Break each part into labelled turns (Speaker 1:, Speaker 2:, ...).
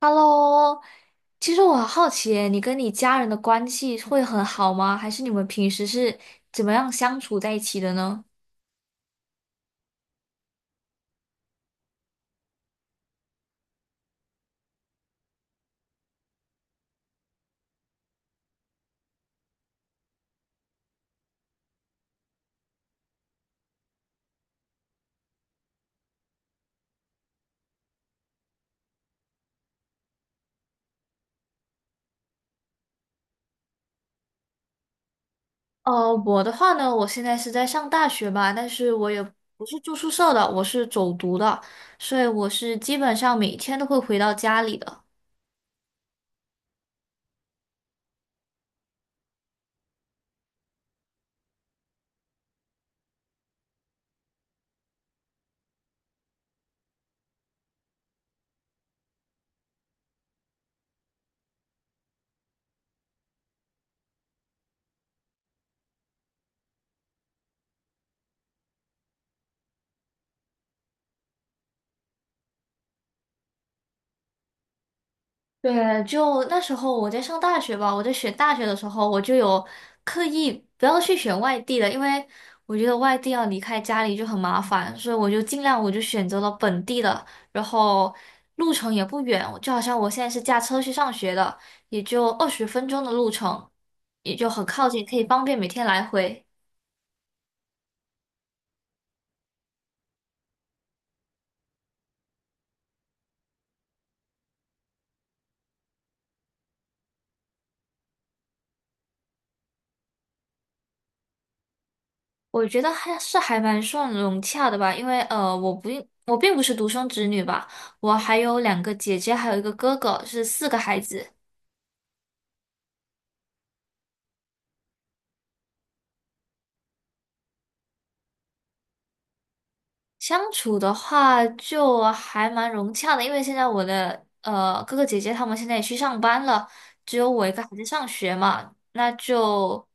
Speaker 1: Hello，其实我很好奇耶你跟你家人的关系会很好吗？还是你们平时是怎么样相处在一起的呢？我的话呢，我现在是在上大学吧，但是我也不是住宿舍的，我是走读的，所以我是基本上每天都会回到家里的。对，就那时候我在上大学吧，我在选大学的时候，我就有刻意不要去选外地的，因为我觉得外地要离开家里就很麻烦，所以我就尽量我就选择了本地的，然后路程也不远，就好像我现在是驾车去上学的，也就20分钟的路程，也就很靠近，可以方便每天来回。我觉得还是还蛮算融洽的吧，因为我并不是独生子女吧，我还有2个姐姐，还有1个哥哥，是4个孩子。相处的话就还蛮融洽的，因为现在我的哥哥姐姐他们现在也去上班了，只有我一个还在上学嘛，那就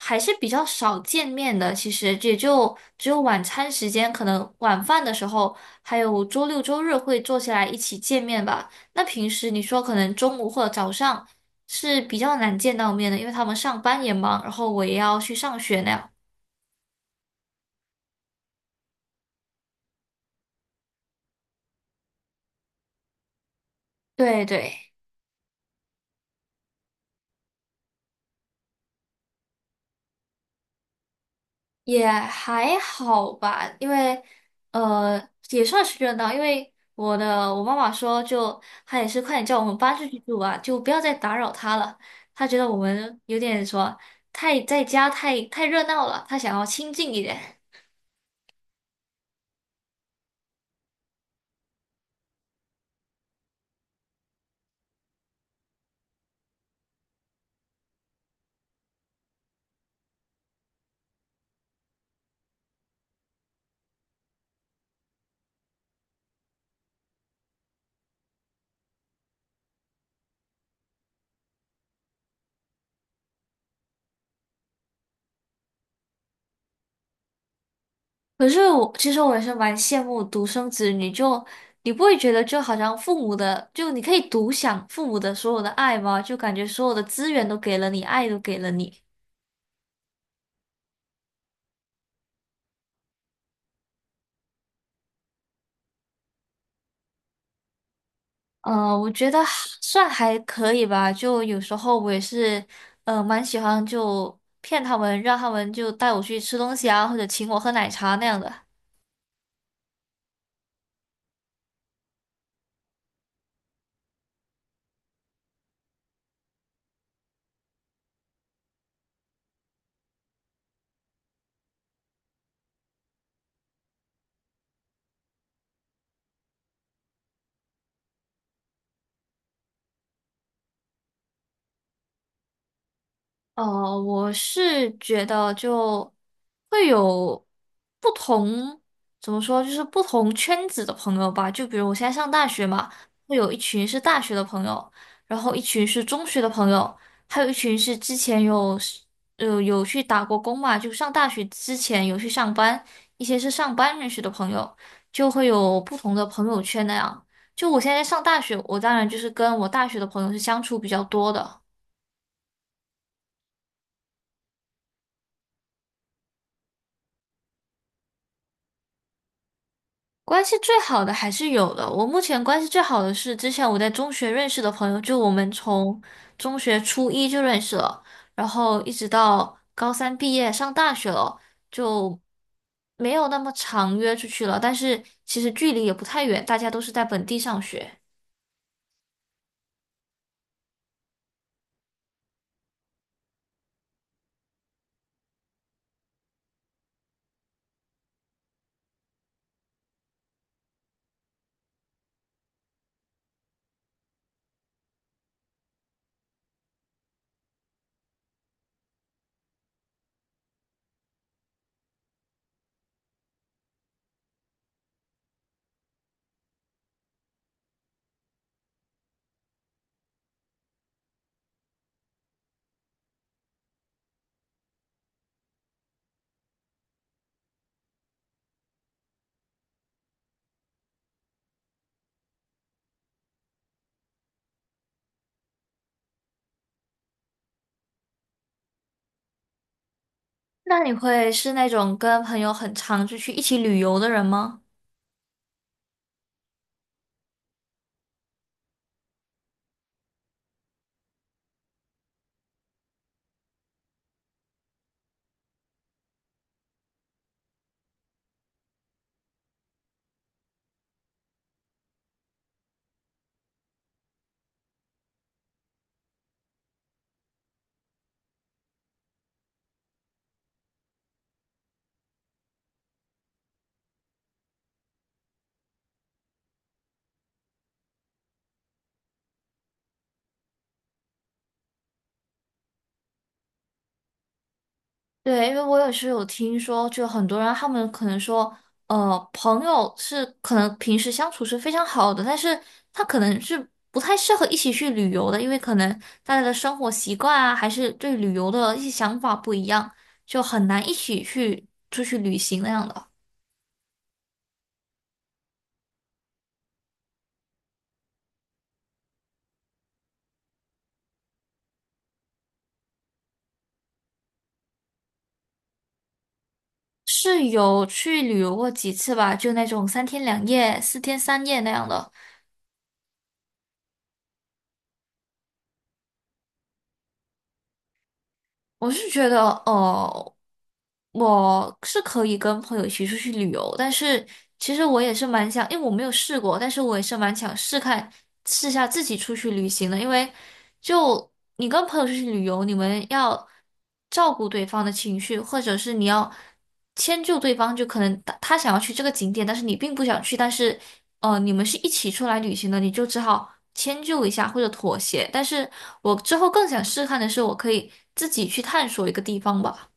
Speaker 1: 还是比较少见面的。其实也就只有晚餐时间，可能晚饭的时候，还有周六周日会坐下来一起见面吧。那平时你说可能中午或者早上是比较难见到面的，因为他们上班也忙，然后我也要去上学那样。对对。也还好吧，因为呃也算是热闹，因为我妈妈说就她也是快点叫我们搬出去住吧，就不要再打扰她了。她觉得我们有点什么太在家太热闹了，她想要清静一点。可是我其实我也是蛮羡慕独生子女，就你不会觉得就好像父母的就你可以独享父母的所有的爱吗？就感觉所有的资源都给了你，爱都给了你。嗯，我觉得还算还可以吧，就有时候我也是，嗯，蛮喜欢就骗他们，让他们就带我去吃东西啊，或者请我喝奶茶那样的。呃，我是觉得就会有不同，怎么说，就是不同圈子的朋友吧。就比如我现在上大学嘛，会有一群是大学的朋友，然后一群是中学的朋友，还有一群是之前有去打过工嘛，就上大学之前有去上班，一些是上班认识的朋友，就会有不同的朋友圈那样。就我现在上大学，我当然就是跟我大学的朋友是相处比较多的。关系最好的还是有的。我目前关系最好的是之前我在中学认识的朋友，就我们从中学初一就认识了，然后一直到高三毕业上大学了，就没有那么常约出去了。但是其实距离也不太远，大家都是在本地上学。那你会是那种跟朋友很常就去一起旅游的人吗？对，因为我也是有听说，就很多人他们可能说，朋友是可能平时相处是非常好的，但是他可能是不太适合一起去旅游的，因为可能大家的生活习惯啊，还是对旅游的一些想法不一样，就很难一起去出去旅行那样的。是有去旅游过几次吧，就那种三天两夜、四天三夜那样的。我是觉得，哦，我是可以跟朋友一起出去旅游，但是其实我也是蛮想，因为我没有试过，但是我也是蛮想试看试下自己出去旅行的，因为就你跟朋友出去旅游，你们要照顾对方的情绪，或者是你要迁就对方，就可能他想要去这个景点，但是你并不想去，但是你们是一起出来旅行的，你就只好迁就一下或者妥协。但是我之后更想试看的是，我可以自己去探索一个地方吧。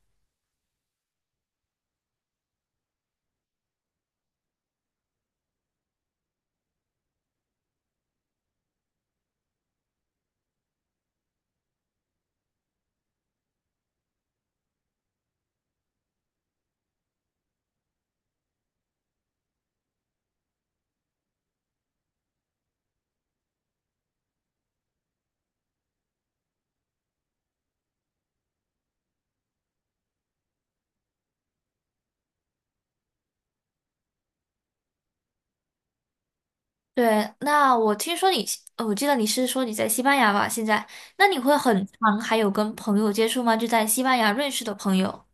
Speaker 1: 对，那我听说你，我记得你是说你在西班牙吧？现在，那你会很常还有跟朋友接触吗？就在西班牙认识的朋友。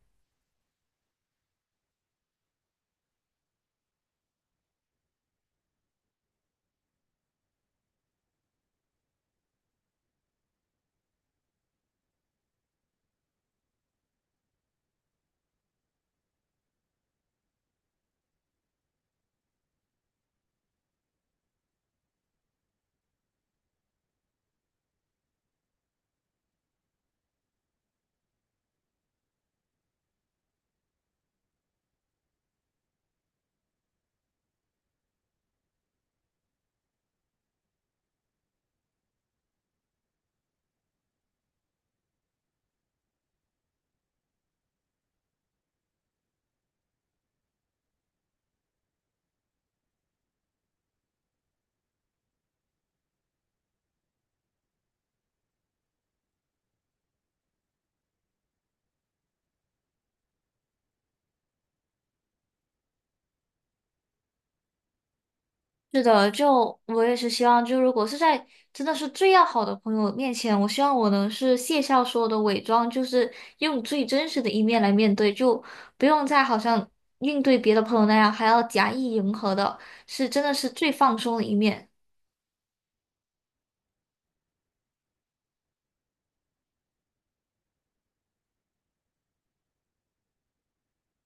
Speaker 1: 是的，就我也是希望，就如果是在真的是最要好的朋友面前，我希望我能是卸下所有的伪装，就是用最真实的一面来面对，就不用再好像应对别的朋友那样还要假意迎合的，是真的是最放松的一面。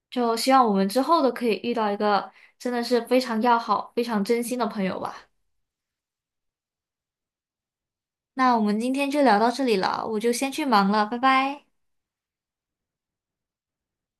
Speaker 1: 就希望我们之后都可以遇到一个真的是非常要好、非常真心的朋友吧。那我们今天就聊到这里了，我就先去忙了，拜拜。